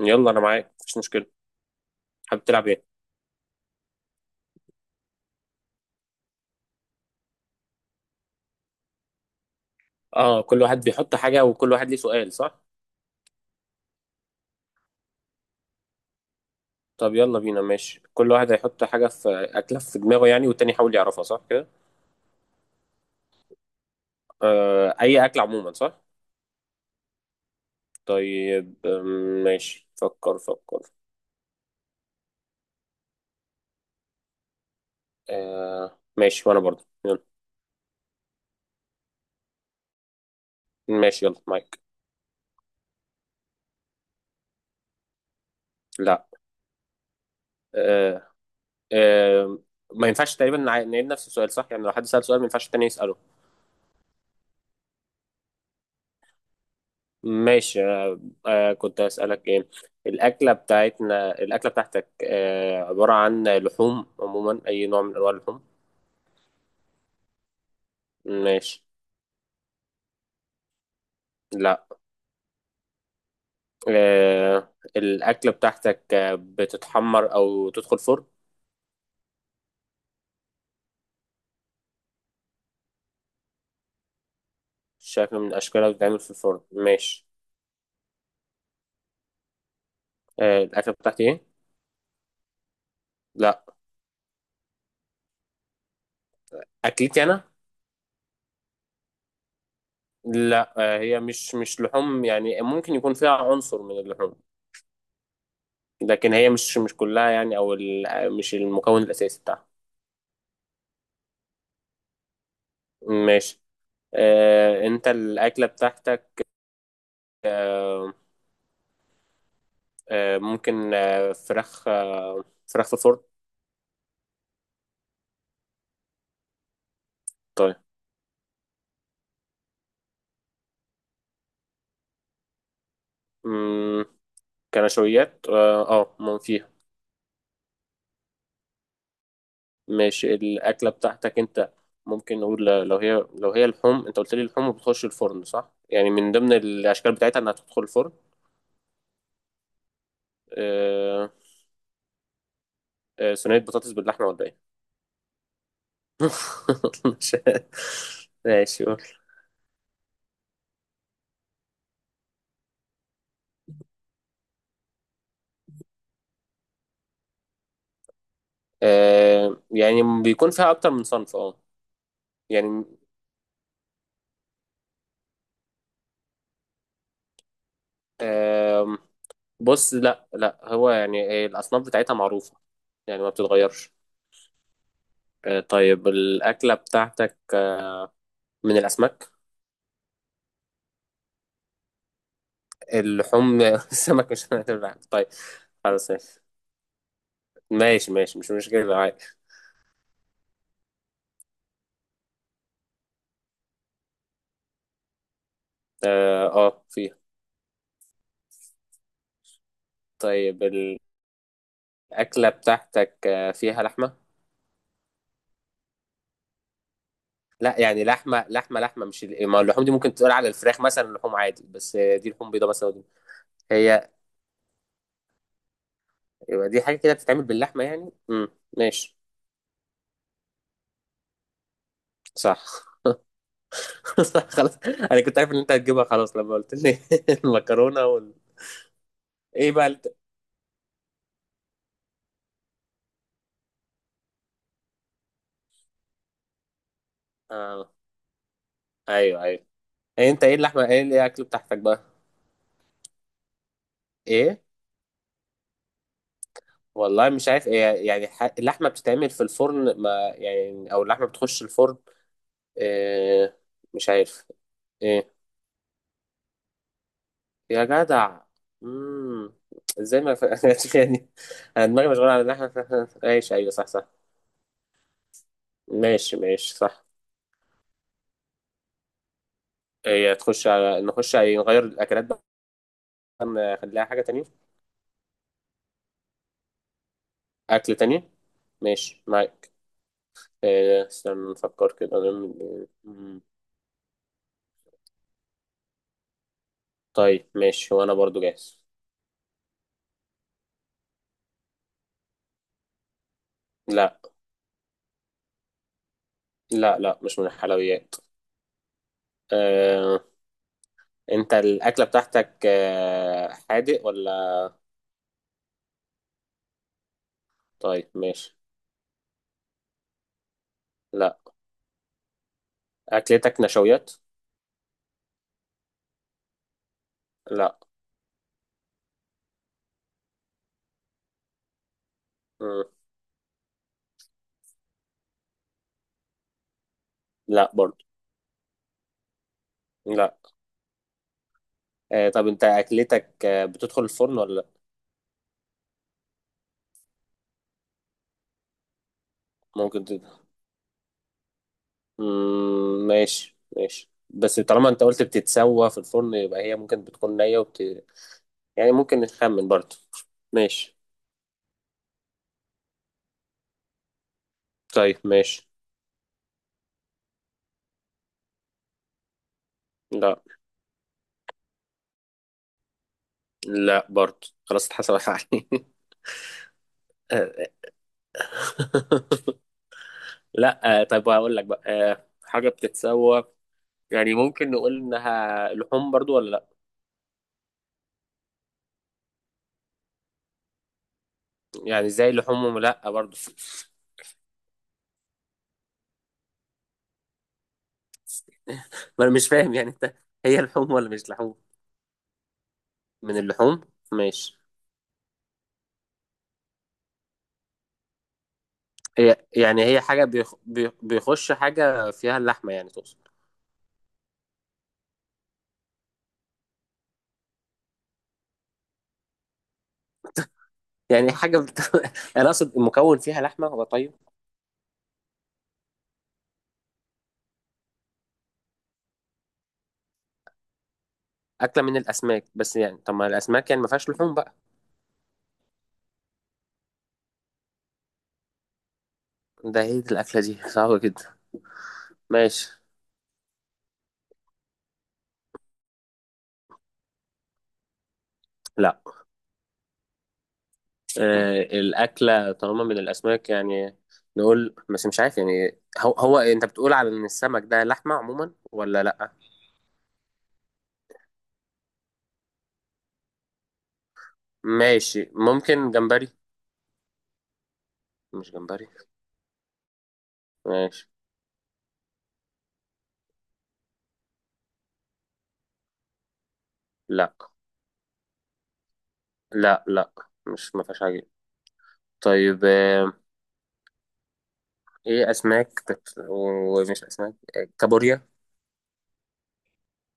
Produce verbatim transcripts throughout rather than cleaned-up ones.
يلا، انا معاك، مفيش مشكله. حابب تلعب ايه؟ اه، كل واحد بيحط حاجه وكل واحد ليه سؤال، صح؟ طب يلا بينا. ماشي، كل واحد هيحط حاجه في اكله في دماغه، يعني والتاني يحاول يعرفها، صح كده؟ آه، اي اكل عموما، صح؟ طيب، آم، ماشي فكر فكر. آه، ماشي وانا برضه. يلا. ماشي، يلا معاك. لا. آه. آه. ما ينفعش تقريبا نع- نعيد نفس السؤال، صح؟ يعني لو حد سأل سؤال، ما ينفعش التاني يسأله. ماشي أنا. آه، كنت أسألك إيه. الأكلة بتاعتنا، الأكلة بتاعتك آه، عبارة عن لحوم عموما، أي نوع من أنواع اللحوم؟ ماشي. لا. آه، الأكلة بتاعتك آه، بتتحمر أو تدخل فرن؟ شكل من أشكالها بتتعمل في الفرن. ماشي. آه، الأكلة بتاعتي إيه؟ لا. أكلتي أنا؟ لا، آه، هي مش مش لحوم، يعني ممكن يكون فيها عنصر من اللحوم. لكن هي مش مش كلها يعني، أو ال- مش المكون الأساسي بتاعها. ماشي. آه، انت الاكله بتاعتك، آه، آه، ممكن آه، فراخ آه، فراخ في فرن؟ طيب. مم، كنشويات اه آه، ما فيها. ماشي، الاكله بتاعتك انت. ممكن نقول لو هي لو هي لحوم، انت قلت لي اللحوم بتخش الفرن، صح؟ يعني من ضمن الاشكال بتاعتها انها تدخل الفرن. آه، آه، صينيه بطاطس باللحمه، ولا ايه؟ مش- ماشي. قول. آه، يعني بيكون فيها اكتر من صنف اه يعني بص، لا، لا، هو يعني إيه، الأصناف بتاعتها معروفة. يعني ما بتتغيرش. آه، طيب، الأكلة بتاعتك آه، من الأسماك؟ اللحوم السمك مش هنقدر نعمل. طيب. خلاص. ماشي. ماشي ماشي، مش مشكلة، عادي. اه، آه، فيها. طيب. الأكلة بتاعتك آه، فيها لحمة؟ لا، يعني لحمة لحمة لحمة، مش ال- ما اللحوم دي ممكن تقول على الفراخ مثلا لحوم عادي، بس آه، دي لحوم بيضاء مثلا، ودي. هي. يبقى دي حاجة كده بتتعمل باللحمة، يعني امم ماشي. صح. صح، خلاص. انا كنت عارف ان انت هتجيبها، خلاص لما قلت لي. المكرونه وال... ايه بقى الت... اه، ايوه، ايوه. إيه انت؟ ايه اللحمه؟ ايه ايه الاكل بتاعتك بقى؟ ايه؟ والله مش عارف ايه. يعني ح... اللحمه بتتعمل في الفرن، ما. يعني او اللحمه بتخش الفرن؟ إيه؟ مش عارف. ايه؟ يا جدع. امم. ازاي ما ف... يعني. انا دماغي مشغوله على اللحمه ف- ماشي، ايوه، صح صح. ماشي ماشي، صح. هي تخش على نخش على نغير الاكلات بقى. نخليها حاجه تانية. اكل تاني. ماشي معاك. آه، استنى نفكر كده نعمل إيه. مم. طيب ماشي، وانا برضو جاهز. لا. لا، لا، مش من الحلويات. آه، انت الاكله بتاعتك آه، حادق ولا؟ طيب ماشي. لا. اكلتك نشويات؟ لا. مم. لا برضو. لا. آه، طب انت اكلتك آه، بتدخل الفرن ولا لا؟ ممكن تدخل. مم، ماشي، ماشي، بس طالما انت قلت بتتسوى في الفرن، يبقى هي ممكن بتكون نية وبت... يعني ممكن نخمن برضو. ماشي. طيب ماشي. لا. لا برضه، خلاص اتحسبت عليه. آه. لا. آه، طيب هقول لك بقى آه، حاجة بتتسوى. يعني ممكن نقول انها لحوم برضو، ولا لا؟ يعني زي لحوم، ولا لا برضو. ما انا مش فاهم يعني انت. هي لحوم ولا مش لحوم؟ من اللحوم؟ ماشي. هي يعني هي حاجة، بيخ... بي- بيخش حاجة فيها اللحمة، يعني تقصد؟ يعني حاجة بت... انا اقصد المكون فيها لحمة، هو طيب. أكلة من الأسماك؟ بس يعني طب ما الأسماك، يعني ما فيهاش لحوم بقى. ده هي الأكلة دي صعبة جدا. ماشي. لا، آه الأكلة طالما من الأسماك يعني. نقول بس مش عارف يعني، هو, هو أنت بتقول على إن السمك ده لحمة عموما، ولا لأ؟ ماشي. ممكن جمبري؟ مش جمبري. ماشي. لأ، لأ. لأ، مش، ما فيهاش حاجة. طيب آه إيه، أسماك بت... ومش أسماك، آه، كابوريا؟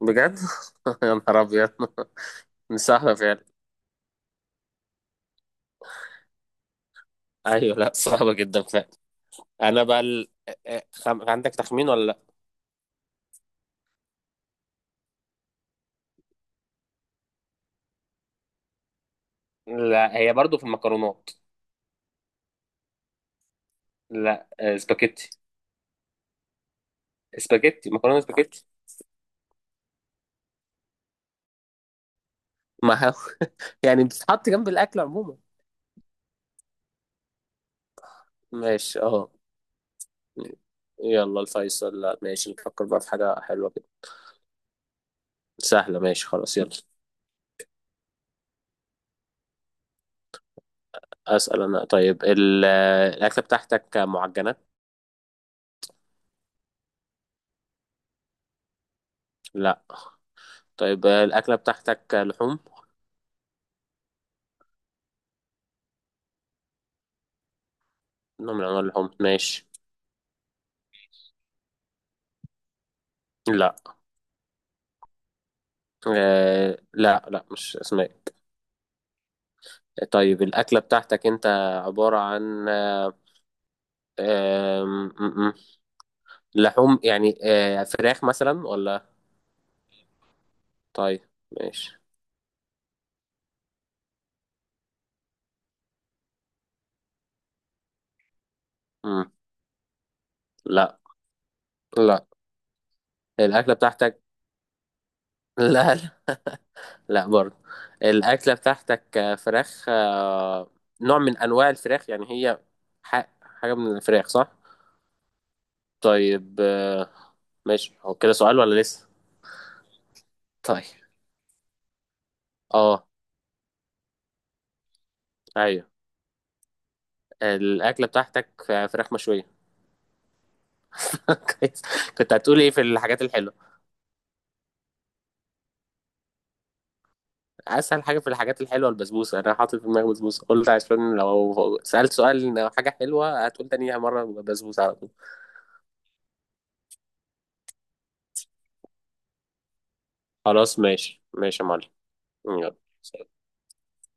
بجد؟ يا نهار أبيض. مش صعبة فعلا. أيوة، لأ صعبة جدا فعلا. أنا بقى ال... آه، آه، خم... عندك تخمين ولا لأ؟ لا، هي برضو في المكرونات. لا، آه، سباكيتي. سباكيتي، مكرونه سباكيتي. ما هو. يعني بتتحط جنب الاكل عموما. ماشي. اه. يلا الفيصل. لا ماشي، نفكر بقى في حاجه حلوه كده. سهله ماشي، خلاص يلا. اسال انا. طيب ال- الاكله بتاعتك معجنات؟ لا. طيب، الاكله بتاعتك لحوم؟ نوع من انواع اللحوم. ماشي. لا. آه لا، لا، مش اسماء. طيب، الاكله بتاعتك انت. عباره عن آه آه لحوم، يعني آه، فراخ مثلا ولا؟ طيب، ماشي. مم. لا. لا. الأكلة بتاعتك. لا، لا، لا برضه. الأكلة بتاعتك آه، فراخ آه، نوع من أنواع الفراخ يعني، هي. ح- حاجة من الفراخ، صح؟ طيب آه، ماشي، هو كده سؤال ولا لسه؟ طيب، اه، ايوه. الأكلة بتاعتك آه، فراخ مشوية؟ كويس. كنت هتقول ايه في الحاجات الحلوة؟ اسهل حاجه في الحاجات الحلوه البسبوسه، انا حاطط في دماغي بسبوسه، قلت عشان لو سالت سؤال لو حاجه حلوه هتقول تانيها مره بسبوسه على طول. خلاص، ماشي، ماشي يا معلم. يلا.